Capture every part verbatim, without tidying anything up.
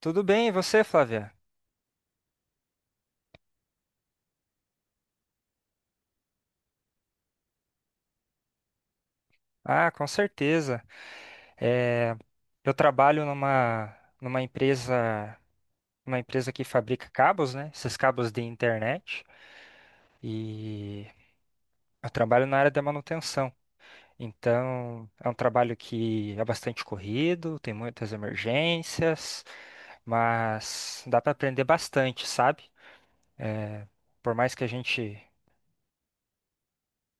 Tudo bem, e você, Flávia? Ah, com certeza. É, eu trabalho numa, numa empresa, uma empresa que fabrica cabos, né? Esses cabos de internet. E eu trabalho na área da manutenção. Então, é um trabalho que é bastante corrido, tem muitas emergências, mas dá para aprender bastante, sabe? Por mais que a gente.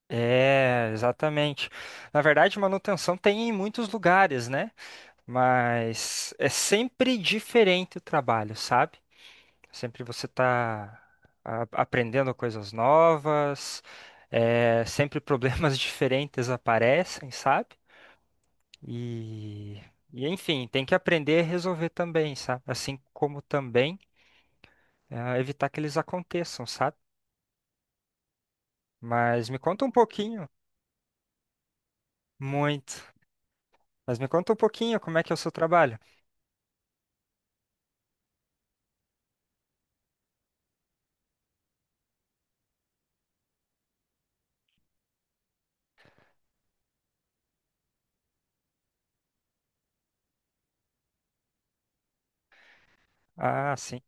É, exatamente. Na verdade, manutenção tem em muitos lugares, né? Mas é sempre diferente o trabalho, sabe? Sempre você está aprendendo coisas novas, é, sempre problemas diferentes aparecem, sabe? E, e enfim, tem que aprender a resolver também, sabe? Assim como também ah, evitar que eles aconteçam, sabe? Mas me conta um pouquinho, muito. Mas me conta um pouquinho como é que é o seu trabalho. Ah, sim.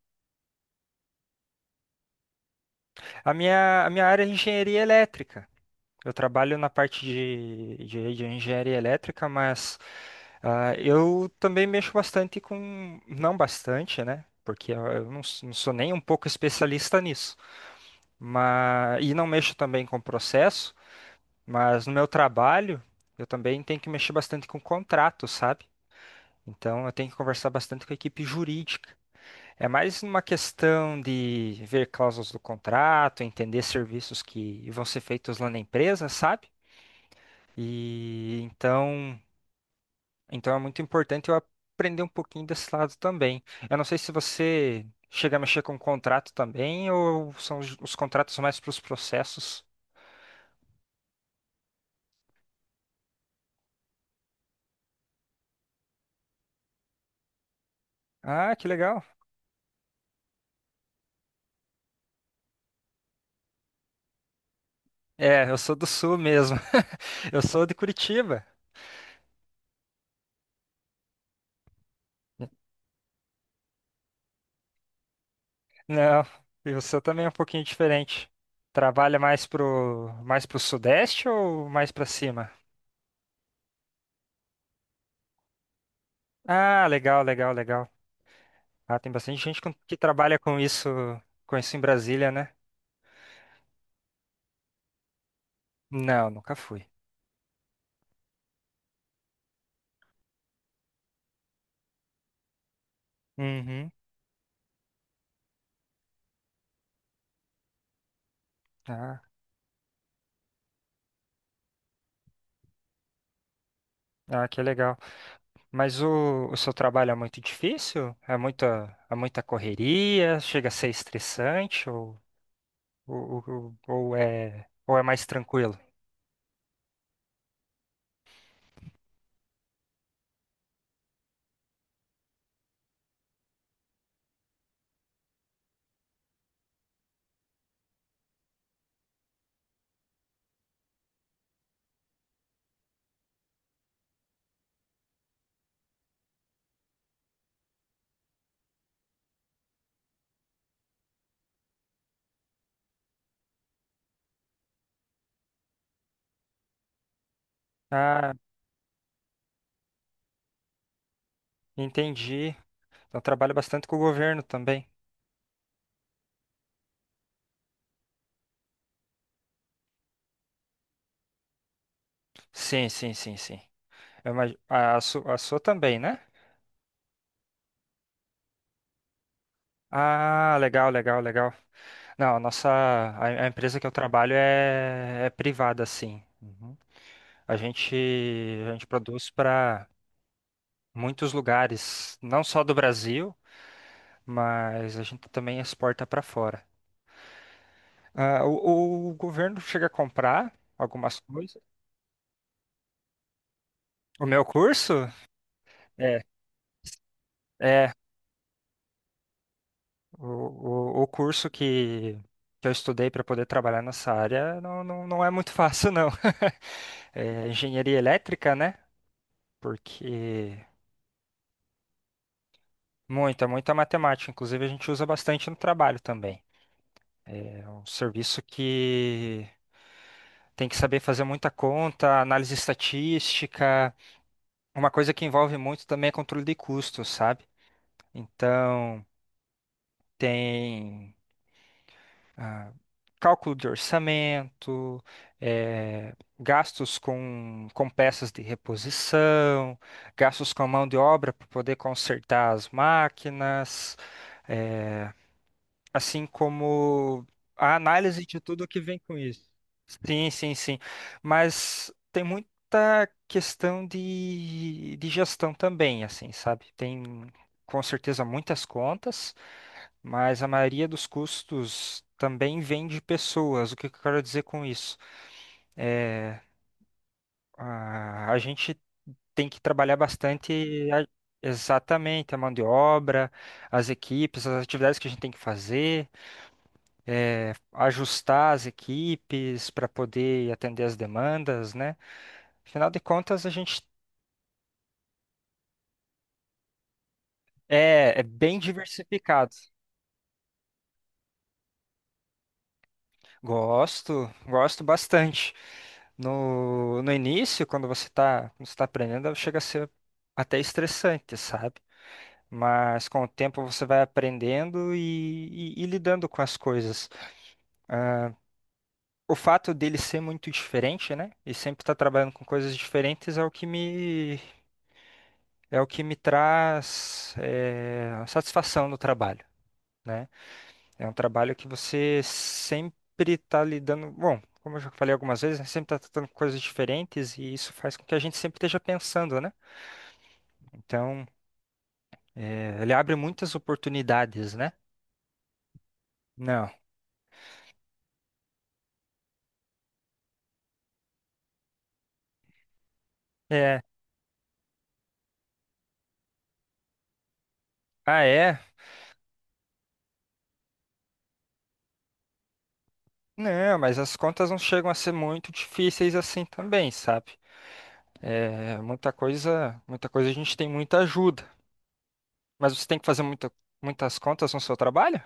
A minha, a minha área é engenharia elétrica. Eu trabalho na parte de, de, de engenharia elétrica, mas ah, eu também mexo bastante com. Não bastante, né? Porque eu eu não, s- não sou nem um pouco especialista nisso. Mas, e não mexo também com processo, mas no meu trabalho eu também tenho que mexer bastante com contrato, sabe? Então eu tenho que conversar bastante com a equipe jurídica. É mais uma questão de ver cláusulas do contrato, entender serviços que vão ser feitos lá na empresa, sabe? E então, então é muito importante eu aprender um pouquinho desse lado também. Eu não sei se você chega a mexer com contrato também ou são os, os contratos mais para os processos. Ah, que legal. É, eu sou do sul mesmo. Eu sou de Curitiba. Não, e o seu também é um pouquinho diferente. Trabalha mais pro mais pro sudeste ou mais para cima? Ah, legal, legal, legal. Ah, tem bastante gente com- que trabalha com isso, com isso em Brasília, né? Não, nunca fui. Uhum. Ah, ah, que legal. Mas o, o seu trabalho é muito difícil? É muita, é muita correria? Chega a ser estressante? Ou, ou, ou, ou é, ou é mais tranquilo? Ah, entendi. Eu trabalho bastante com o governo também. Sim, sim, sim, sim. Eu imag- a, a, su- a sua também, né? Ah, legal, legal, legal. Não, a nossa, a, a empresa que eu trabalho é, é privada, sim. Uhum. A gente, a gente produz para muitos lugares, não só do Brasil, mas a gente também exporta para fora. Ah, o, o governo chega a comprar algumas coisas. O meu curso é, é o, o, o curso que, que eu estudei para poder trabalhar nessa área não, não, não é muito fácil, não. É, engenharia elétrica, né? Porque muita, muita matemática. Inclusive, a gente usa bastante no trabalho também. É um serviço que tem que saber fazer muita conta, análise estatística. Uma coisa que envolve muito também é controle de custos, sabe? Então, tem ah, cálculo de orçamento, eh, gastos com, com peças de reposição, gastos com mão de obra para poder consertar as máquinas. eh, assim como a análise de tudo que vem com isso. Sim, sim, sim. Mas tem muita questão de, de gestão também, assim, sabe? Tem com certeza muitas contas, mas a maioria dos custos também vem de pessoas. O que que eu quero dizer com isso? É, a, a gente tem que trabalhar bastante a- exatamente a mão de obra, as equipes, as atividades que a gente tem que fazer eh, ajustar as equipes para poder atender as demandas, né? Afinal de contas, a gente é, é bem diversificado. Gosto, gosto bastante. No, no início, quando você está quando você tá aprendendo, chega a ser até estressante, sabe? Mas com o tempo você vai aprendendo e, e, e lidando com as coisas. Ah, o fato dele ser muito diferente, né? E sempre estar trabalhando com coisas diferentes é o que me é o que me traz eh, a satisfação no trabalho, né? É um trabalho que você sempre está lidando, bom, como eu já falei algumas vezes, né, sempre está tratando com coisas diferentes e isso faz com que a gente sempre esteja pensando, né? Então, eh, ele abre muitas oportunidades, né? Não. É. Ah, é? Não, mas as contas não chegam a ser muito difíceis assim também, sabe? É, muita coisa, muita coisa a gente tem muita ajuda. Mas você tem que fazer muita, muitas contas no seu trabalho?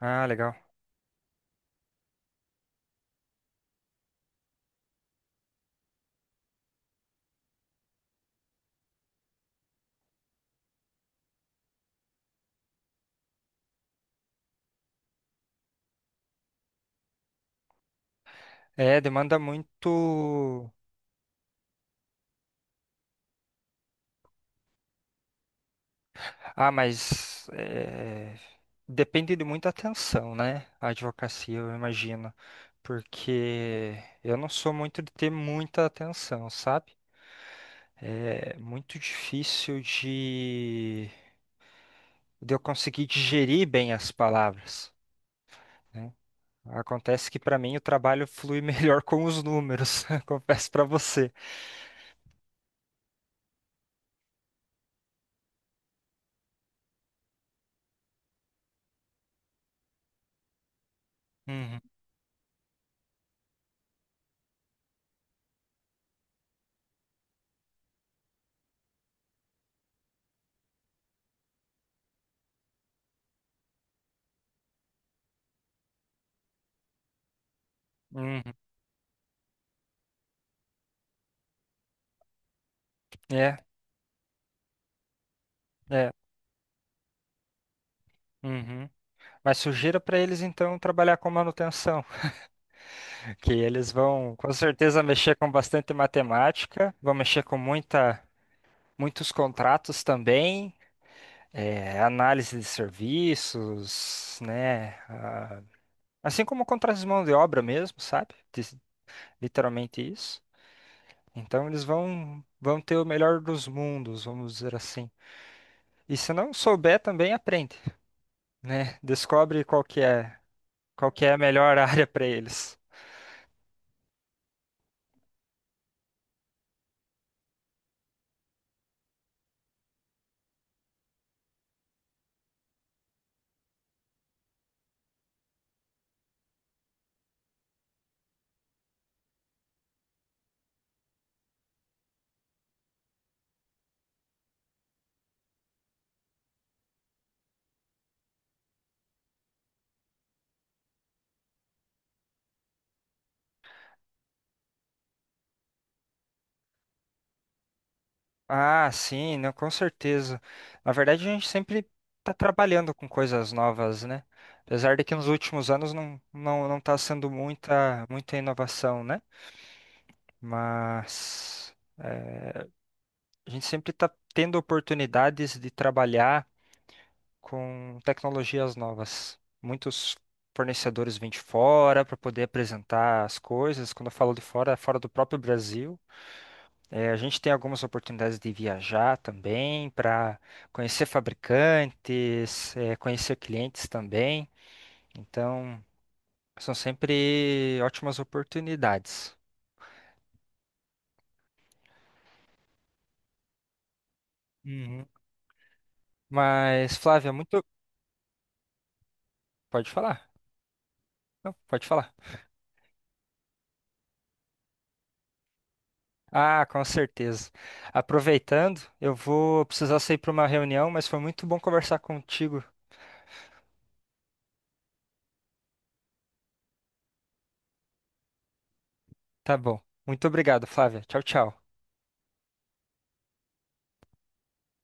Ah, legal. É, demanda muito. Ah, mas é, depende de muita atenção, né? A advocacia, eu imagino. Porque eu não sou muito de ter muita atenção, sabe? É muito difícil de, de eu conseguir digerir bem as palavras, né? Acontece que para mim o trabalho flui melhor com os números, confesso para você. Uhum, uhum. É, é. Uhum. Mas sugiro para eles então trabalhar com manutenção, que eles vão com certeza mexer com bastante matemática, vão mexer com muita, muitos contratos também, eh, análise de serviços, né? ah, assim como contratos de mão de obra mesmo, sabe? Dis- Literalmente isso. Então eles vão, vão ter o melhor dos mundos, vamos dizer assim. E se não souber também aprende, né? Descobre qual que é, qual que é a melhor área para eles. Ah, sim, não, com certeza. Na verdade, a gente sempre está trabalhando com coisas novas, né? Apesar de que nos últimos anos não não não está sendo muita muita inovação, né? Mas a gente sempre está tendo oportunidades de trabalhar com tecnologias novas. Muitos fornecedores vêm de fora para poder apresentar as coisas. Quando eu falo de fora, é fora do próprio Brasil. É, a gente tem algumas oportunidades de viajar também para conhecer fabricantes, é, conhecer clientes também. Então, são sempre ótimas oportunidades. Uhum. Mas, Flávia, é muito. Pode falar? Não, pode falar. Ah, com certeza. Aproveitando, eu vou precisar sair para uma reunião, mas foi muito bom conversar contigo. Tá bom. Muito obrigado, Flávia. Tchau, tchau.